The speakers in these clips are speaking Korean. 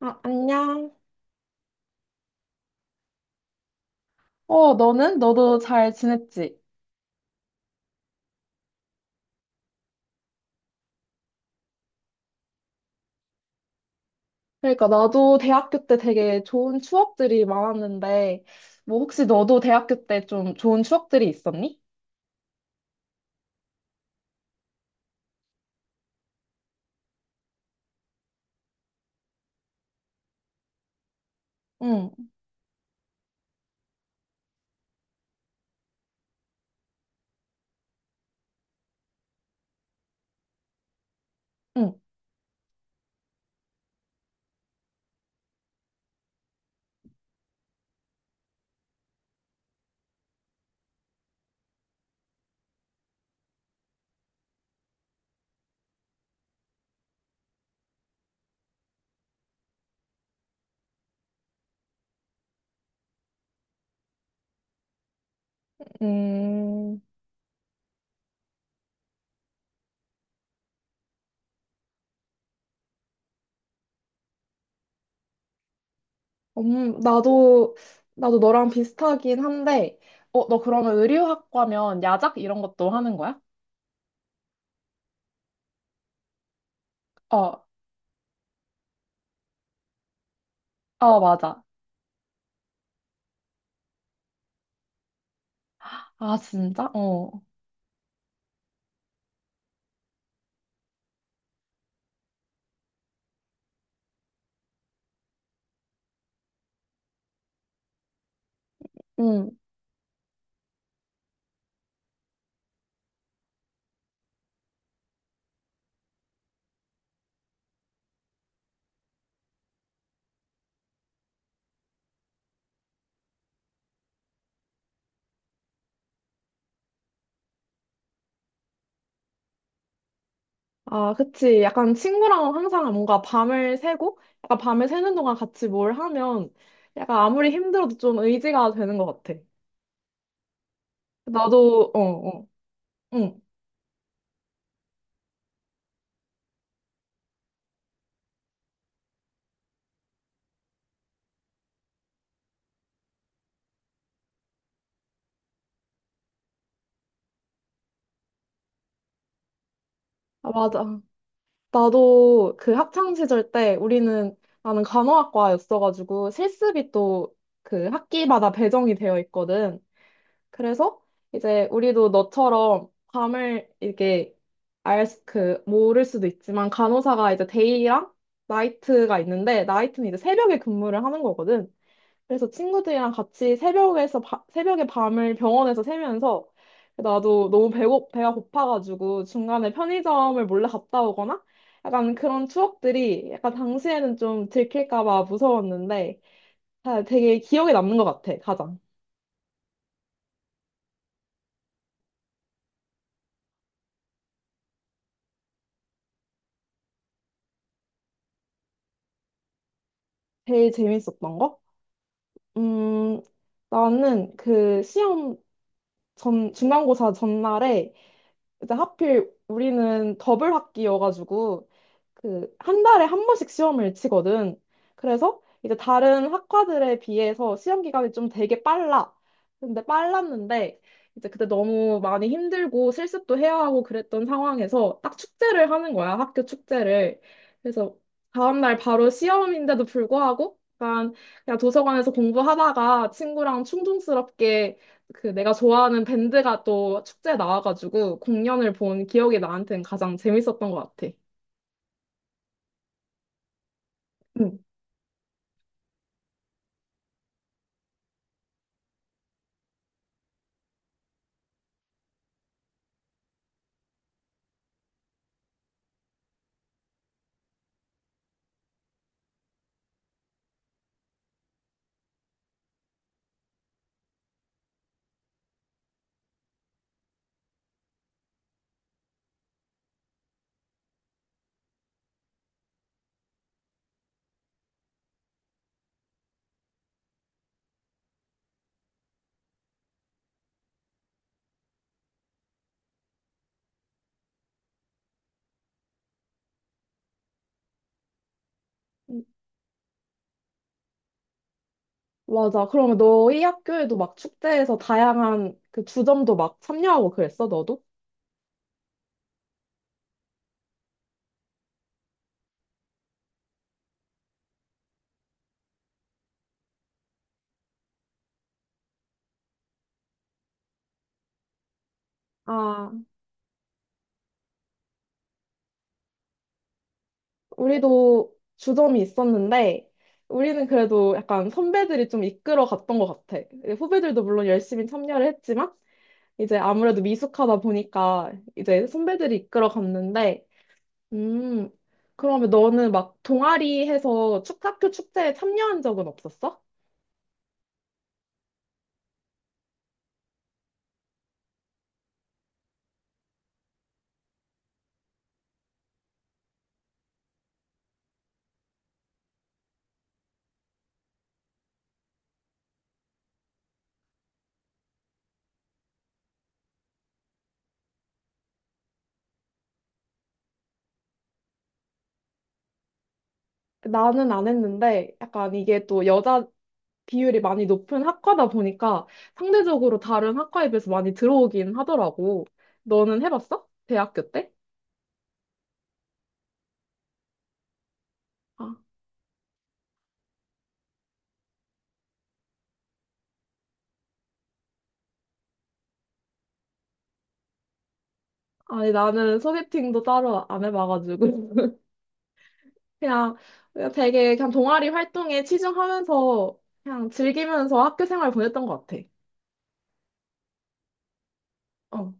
아, 안녕. 어, 너는? 너도 잘 지냈지? 그러니까 나도 대학교 때 되게 좋은 추억들이 많았는데, 뭐 혹시 너도 대학교 때 좀 좋은 추억들이 있었니? 응. 응. 음. 나도, 나도 너랑 비슷하긴 한데, 너 그러면 의류학과면 야작 이런 것도 하는 거야? 어. 어, 맞아. 아, 진짜? 어. 응. 아, 그치. 약간 친구랑 항상 뭔가 밤을 새고, 약간 밤을 새는 동안 같이 뭘 하면, 약간 아무리 힘들어도 좀 의지가 되는 것 같아. 나도. 어. 어. 응. 아, 맞아. 나도 그 학창 시절 때 우리는, 나는 간호학과였어가지고 실습이 또 그 학기마다 배정이 되어 있거든. 그래서 이제 우리도 너처럼 밤을 이렇게 그, 모를 수도 있지만 간호사가 이제 데이랑 나이트가 있는데 나이트는 이제 새벽에 근무를 하는 거거든. 그래서 친구들이랑 같이 새벽에 밤을 병원에서 새면서 나도 배가 고파가지고 중간에 편의점을 몰래 갔다 오거나 약간 그런 추억들이 약간 당시에는 좀 들킬까 봐 무서웠는데 아, 되게 기억에 남는 것 같아, 가장. 제일 재밌었던 거? 음, 나는 중간고사 전날에 이제 하필 우리는 더블 학기여가지고 그 한 달에 한 번씩 시험을 치거든. 그래서 이제 다른 학과들에 비해서 시험 기간이 좀 되게 빨라. 근데 빨랐는데 이제 그때 너무 많이 힘들고 실습도 해야 하고 그랬던 상황에서 딱 축제를 하는 거야. 학교 축제를. 그래서 다음날 바로 시험인데도 불구하고 약간 그냥 도서관에서 공부하다가 친구랑 충동스럽게 그 내가 좋아하는 밴드가 또 축제에 나와가지고 공연을 본 기억이 나한테는 가장 재밌었던 것 같아. 응. 맞아. 그러면 너희 학교에도 막 축제에서 다양한 그 주점도 막 참여하고 그랬어, 너도? 아, 우리도 주점이 있었는데, 우리는 그래도 약간 선배들이 좀 이끌어 갔던 것 같아. 후배들도 물론 열심히 참여를 했지만, 이제 아무래도 미숙하다 보니까 이제 선배들이 이끌어 갔는데, 음, 그러면 너는 막 동아리 해서 학교 축제에 참여한 적은 없었어? 나는 안 했는데 약간 이게 또 여자 비율이 많이 높은 학과다 보니까 상대적으로 다른 학과에 비해서 많이 들어오긴 하더라고. 너는 해봤어? 대학교 때? 아. 아니 나는 소개팅도 따로 안 해봐가지고 그냥, 그냥 되게 그냥 동아리 활동에 치중하면서 그냥 즐기면서 학교 생활 보냈던 것 같아. 어.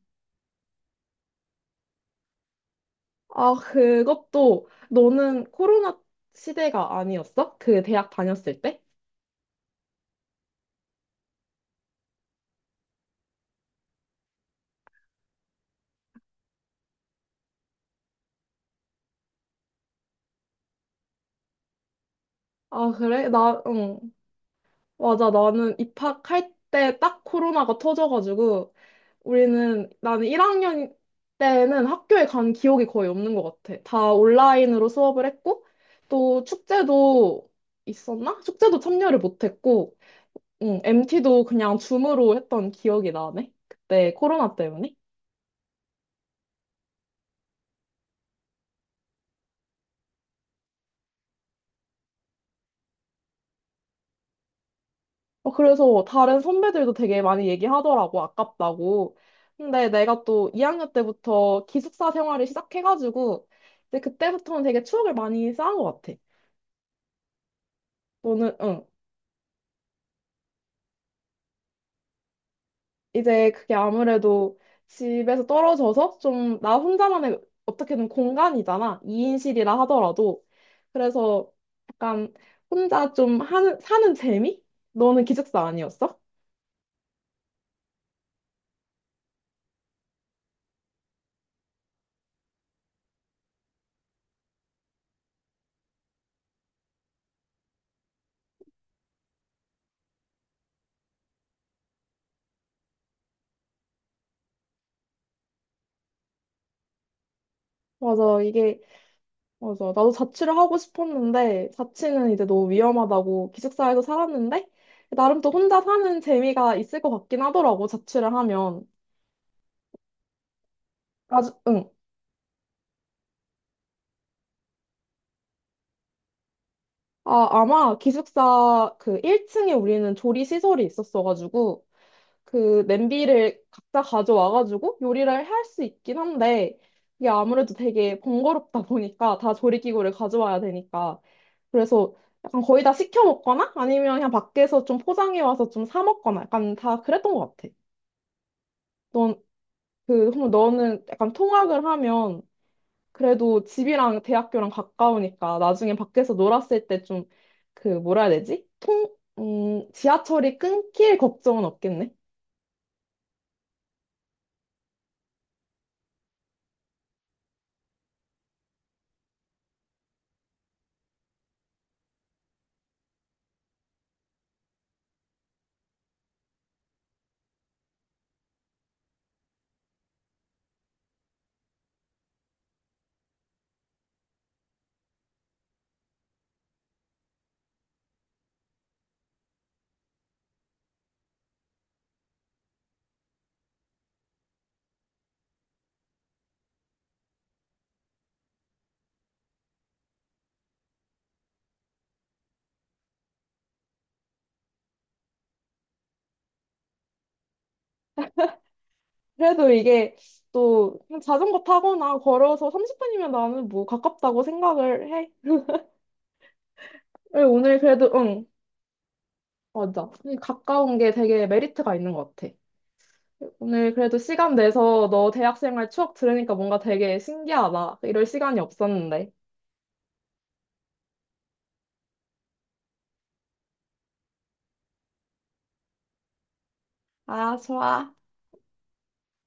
아, 그것도 너는 코로나 시대가 아니었어? 그 대학 다녔을 때? 아, 그래? 나. 응. 맞아. 나는 입학할 때 딱 코로나가 터져가지고 우리는 나는 1학년 때는 학교에 간 기억이 거의 없는 것 같아. 다 온라인으로 수업을 했고 또 축제도 있었나? 축제도 참여를 못했고 응, MT도 그냥 줌으로 했던 기억이 나네. 그때 코로나 때문에. 어, 그래서 다른 선배들도 되게 많이 얘기하더라고, 아깝다고. 근데 내가 또 2학년 때부터 기숙사 생활을 시작해가지고, 이제 그때부터는 되게 추억을 많이 쌓은 것 같아. 너는. 응. 이제 그게 아무래도 집에서 떨어져서 좀 나 혼자만의 어떻게든 공간이잖아. 2인실이라 하더라도. 그래서 약간 혼자 좀 하는, 사는 재미? 너는 기숙사 아니었어? 맞아. 이게 맞아. 나도 자취를 하고 싶었는데, 자취는 이제 너무 위험하다고 기숙사에서 살았는데, 나름 또 혼자 사는 재미가 있을 것 같긴 하더라고, 자취를 하면. 아주. 응. 아, 아마 기숙사 그 1층에 우리는 조리 시설이 있었어가지고, 그 냄비를 각자 가져와가지고 요리를 할 수 있긴 한데, 이게 아무래도 되게 번거롭다 보니까, 다 조리기구를 가져와야 되니까. 그래서 약간 거의 다 시켜 먹거나 아니면 그냥 밖에서 좀 포장해 와서 좀 사 먹거나 약간 다 그랬던 것 같아. 넌, 그럼 너는 약간 통학을 하면 그래도 집이랑 대학교랑 가까우니까 나중에 밖에서 놀았을 때 좀 그 뭐라 해야 되지? 지하철이 끊길 걱정은 없겠네. 그래도 이게 또 그냥 자전거 타거나 걸어서 30분이면 나는 뭐 가깝다고 생각을 해. 오늘 그래도 응. 맞아. 가까운 게 되게 메리트가 있는 것 같아. 오늘 그래도 시간 내서 너 대학생활 추억 들으니까 뭔가 되게 신기하다. 이럴 시간이 없었는데. 아, 좋아.